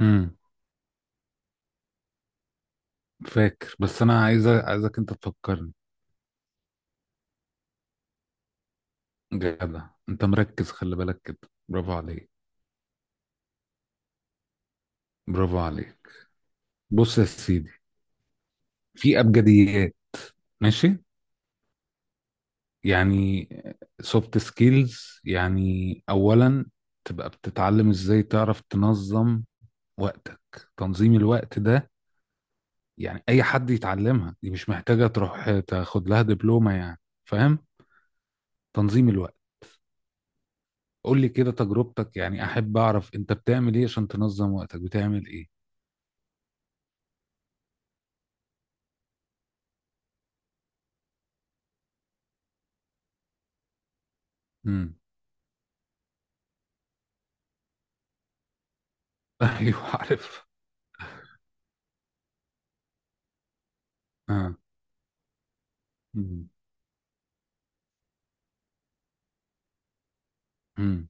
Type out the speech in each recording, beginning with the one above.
امم فاكر، بس انا عايزك انت تفكرني. جدع، انت مركز، خلي بالك كده. برافو عليك. برافو عليك. بص يا سيدي، في ابجديات. ماشي. يعني سوفت سكيلز، يعني اولا تبقى بتتعلم ازاي تعرف تنظم وقتك. تنظيم الوقت ده، يعني اي حد يتعلمها، دي مش محتاجة تروح تاخد لها دبلومة يعني. فاهم؟ تنظيم الوقت. قول لي كده تجربتك، يعني احب اعرف انت بتعمل ايه عشان تنظم وقتك، بتعمل ايه؟ امم. ايوه، عارف. اه. امم. امم.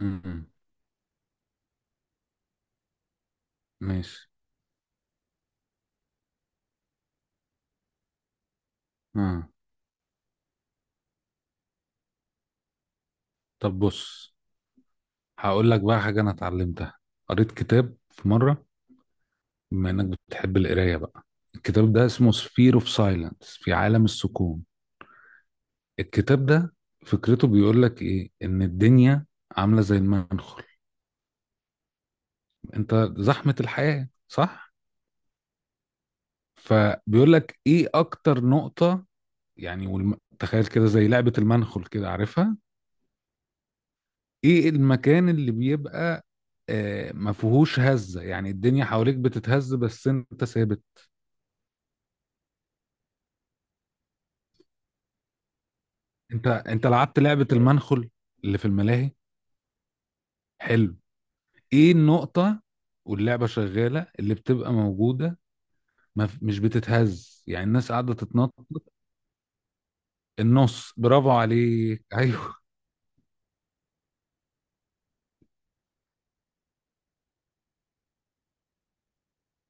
امم. ماشي. اه. طب بص، هقول لك بقى حاجه انا اتعلمتها. قريت كتاب في مره، بما انك بتحب القرايه بقى. الكتاب ده اسمه سفير اوف سايلنس، في عالم السكون. الكتاب ده فكرته، بيقول لك ايه؟ ان الدنيا عامله زي المنخل. انت، زحمه الحياه، صح؟ فبيقول لك ايه اكتر نقطه، يعني تخيل كده زي لعبه المنخل كده، عارفها؟ ايه المكان اللي بيبقى ما فيهوش هزة؟ يعني الدنيا حواليك بتتهز، بس انت ثابت. انت لعبت لعبة المنخل اللي في الملاهي؟ حلو. ايه النقطة واللعبة شغالة اللي بتبقى موجودة؟ ما ف- مش بتتهز، يعني الناس قاعدة تتنطط. النص، برافو عليك. ايوه.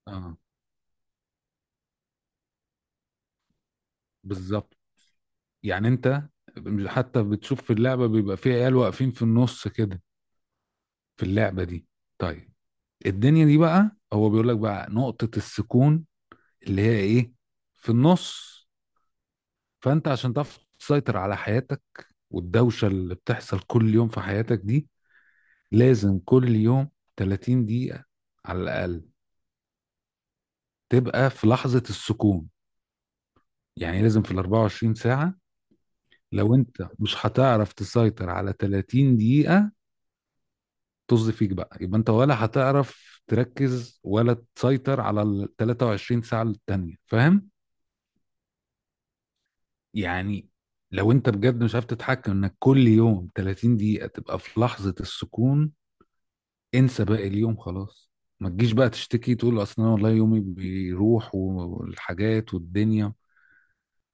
اه، بالظبط. يعني انت حتى بتشوف في اللعبة بيبقى في عيال واقفين في النص كده، في اللعبة دي. طيب، الدنيا دي بقى هو بيقول لك بقى نقطة السكون، اللي هي ايه؟ في النص. فانت عشان تعرف تسيطر على حياتك والدوشة اللي بتحصل كل يوم في حياتك دي، لازم كل يوم 30 دقيقة على الأقل تبقى في لحظة السكون. يعني لازم في ال 24 ساعة، لو انت مش هتعرف تسيطر على 30 دقيقة طز فيك بقى، يبقى انت ولا هتعرف تركز ولا تسيطر على ال 23 ساعة التانية. فاهم؟ يعني لو انت بجد مش عارف تتحكم انك كل يوم 30 دقيقة تبقى في لحظة السكون، انسى باقي اليوم خلاص. ما تجيش بقى تشتكي تقول اصل انا والله يومي بيروح والحاجات والدنيا.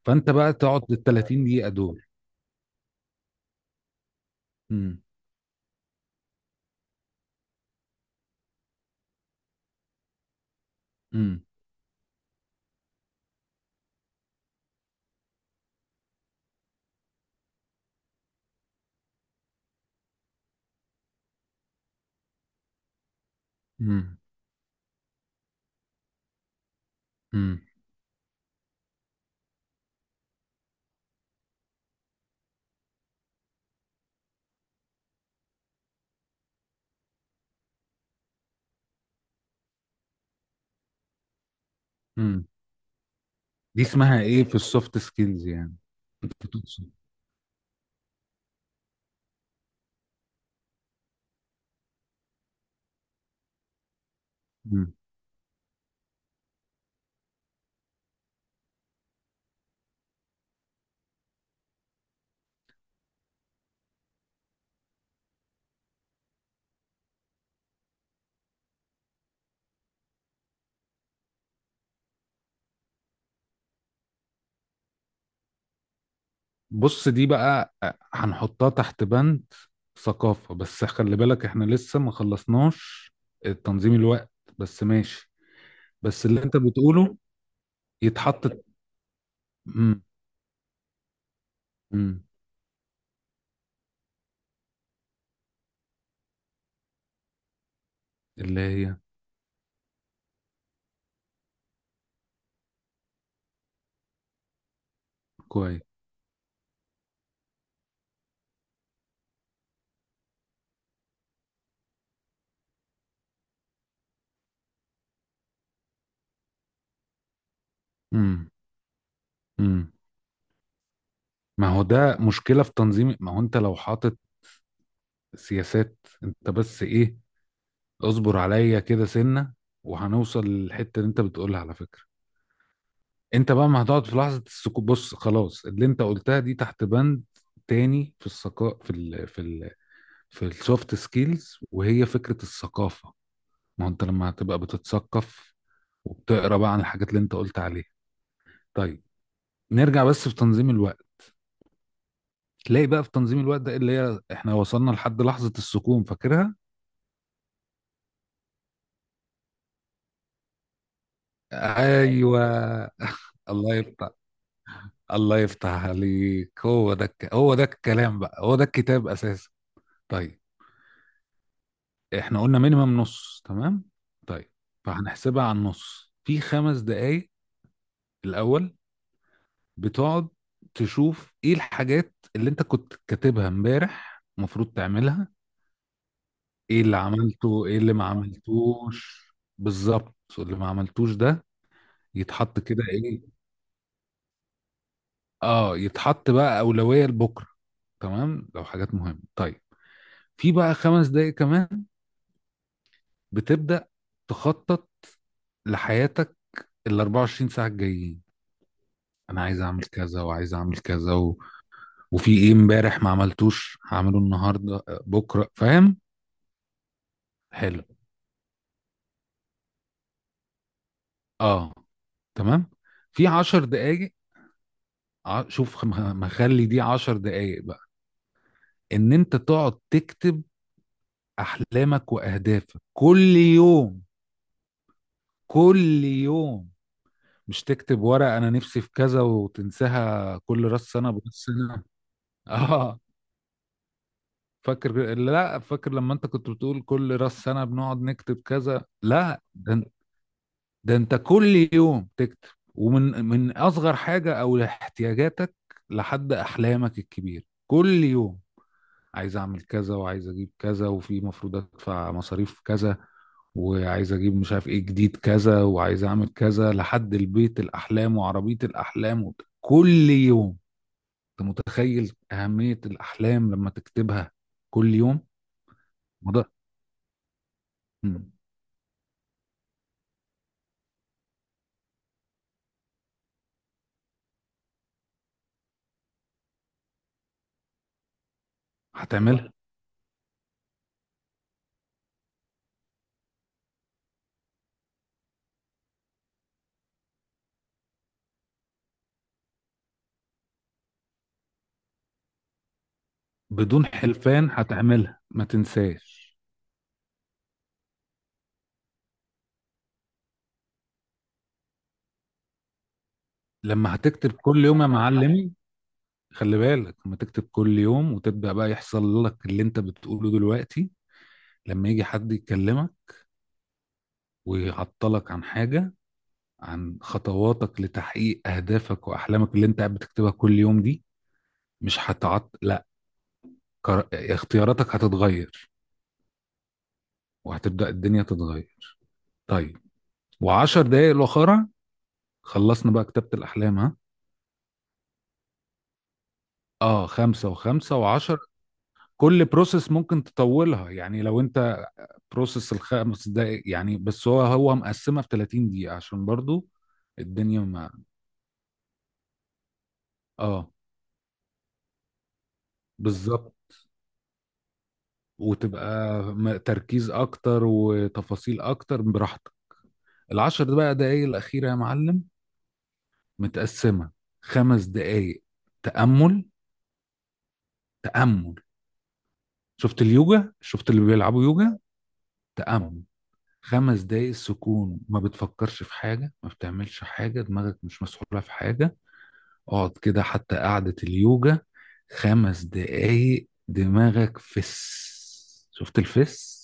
فانت بقى تقعد ال 30 دقيقة دول. امم. امم. امم. امم. دي اسمها ايه في السوفت سكيلز يعني؟ انت تقصد. بص، دي بقى هنحطها تحت بند ثقافة، بس خلي بالك احنا لسه ما خلصناش تنظيم الوقت. بس ماشي. بس اللي انت بتقوله يتحط. امم. امم. اللي هي كويس. امم. امم. ما هو ده مشكلة في تنظيم، ما هو انت لو حاطط سياسات. انت بس ايه، اصبر عليا كده سنة وهنوصل للحتة اللي انت بتقولها على فكرة. انت بقى ما هتقعد في لحظه السكوت. بص، خلاص، اللي انت قلتها دي تحت بند تاني في الثقافه، في السوفت سكيلز، وهي فكره الثقافه. ما هو انت لما هتبقى بتتثقف وبتقرا بقى عن الحاجات اللي انت قلت عليها. طيب، نرجع بس في تنظيم الوقت. تلاقي بقى في تنظيم الوقت ده، اللي هي احنا وصلنا لحد لحظه السكون، فاكرها؟ ايوه. ايوه. الله يفتح الله يفتح عليك، هو ده الكلام بقى، هو ده الكتاب اساسا. طيب، احنا قلنا مينيمم نص، تمام. طيب، فهنحسبها على النص في خمس دقايق. الاول بتقعد تشوف ايه الحاجات اللي انت كنت كاتبها امبارح المفروض تعملها، ايه اللي عملته، ايه اللي ما عملتوش. بالظبط اللي ما عملتوش ده، يتحط كده ايه؟ اه، يتحط بقى اولوية لبكره، تمام، لو حاجات مهمة. طيب، في بقى 5 دقايق كمان بتبدأ تخطط لحياتك ال 24 ساعة الجايين. انا عايز اعمل كذا وعايز اعمل كذا وفي ايه امبارح ما عملتوش هعمله النهارده بكره، فاهم؟ حلو. اه، تمام. في 10 دقايق. ع- شوف ما ما خلي دي 10 دقايق بقى، ان انت تقعد تكتب احلامك واهدافك كل يوم كل يوم. مش تكتب ورقة انا نفسي في كذا وتنساها كل راس سنة براس سنة. اه. فاكر؟ لا، فاكر لما انت كنت بتقول كل راس سنة بنقعد نكتب كذا؟ لا، ده ده انت كل يوم تكتب ومن اصغر حاجه او احتياجاتك لحد احلامك الكبيره كل يوم. عايز اعمل كذا، وعايز اجيب كذا، وفي مفروض ادفع مصاريف كذا، وعايز اجيب مش عارف ايه جديد كذا، وعايز اعمل كذا لحد البيت الاحلام وعربيه الاحلام كل يوم. انت متخيل اهميه الاحلام لما تكتبها كل يوم؟ ما ده. مم. هتعملها. بدون حلفان هتعملها، ما تنساش. لما هتكتب كل يوم يا معلمي، خلي بالك لما تكتب كل يوم وتبدأ بقى يحصل لك اللي انت بتقوله دلوقتي. لما يجي حد يكلمك ويعطلك عن حاجة، عن خطواتك لتحقيق أهدافك وأحلامك اللي انت قاعد بتكتبها كل يوم دي، مش هتعط، لا. اختياراتك هتتغير، وهتبدأ الدنيا تتغير. طيب، وعشر دقايق الأخرى خلصنا بقى كتابة الأحلام. ها. اه، خمسة وخمسة وعشر. كل بروسيس ممكن تطولها يعني، لو انت بروسس ال5 دقايق يعني. بس هو مقسمه في 30 دقيقه عشان برضو الدنيا ما. اه، بالظبط. وتبقى تركيز اكتر وتفاصيل اكتر، براحتك. العشر ده بقى دقايق الاخيره يا معلم، متقسمه. 5 دقايق تامل. تامل، شفت اليوجا؟ شفت اللي بيلعبوا يوجا؟ تامل، 5 دقايق سكون، ما بتفكرش في حاجه، ما بتعملش حاجه، دماغك مش مسحوله في حاجه. اقعد كده حتى قعدة اليوجا، 5 دقايق دماغك فس. شفت الفس؟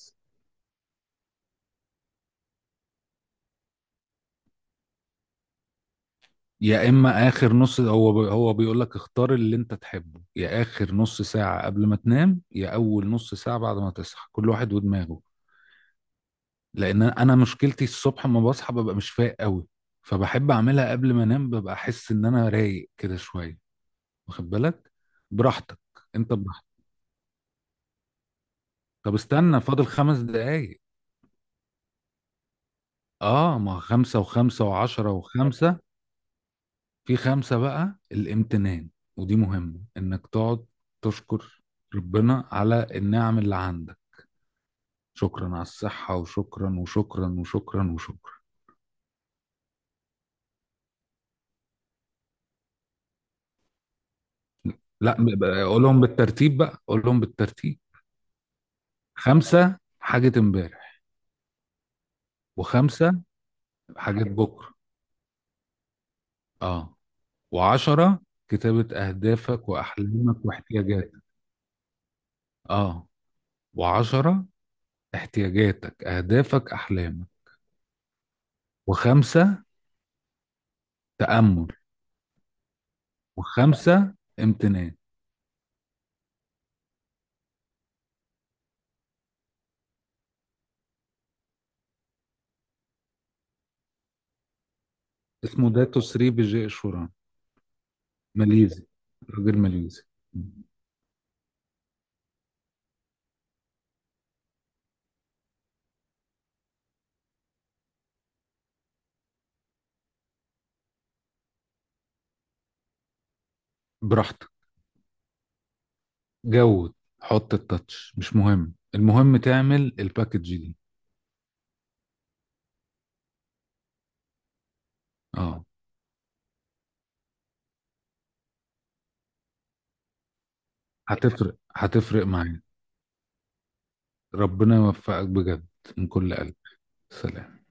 يا اما اخر نص، هو بيقول لك اختار اللي انت تحبه، يا اخر نص ساعة قبل ما تنام يا اول نص ساعة بعد ما تصحى، كل واحد ودماغه. لان انا مشكلتي الصبح ما بصحى ببقى مش فايق قوي، فبحب اعملها قبل ما انام، ببقى احس ان انا رايق كده شوية، واخد بالك؟ براحتك. انت براحتك. طب استنى، فاضل 5 دقايق. اه، ما خمسة وخمسة وعشرة وخمسة. في خمسة بقى الامتنان، ودي مهمة، انك تقعد تشكر ربنا على النعم اللي عندك، شكرا على الصحة وشكرا وشكرا وشكرا وشكرا. لا، قولهم بالترتيب بقى، قولهم بالترتيب. خمسة حاجة امبارح، وخمسة حاجات بكرة. اه. وعشرة كتابة أهدافك وأحلامك واحتياجاتك. اه، وعشرة احتياجاتك أهدافك أحلامك، وخمسة تأمل، وخمسة امتنان. اسمه داتو سري بجي شوران، ماليزي، راجل ماليزي. براحتك. جود، حط التاتش، مش مهم، المهم تعمل الباكج دي. اه، هتفرق هتفرق معايا. ربنا يوفقك بجد، من كل قلب. سلام.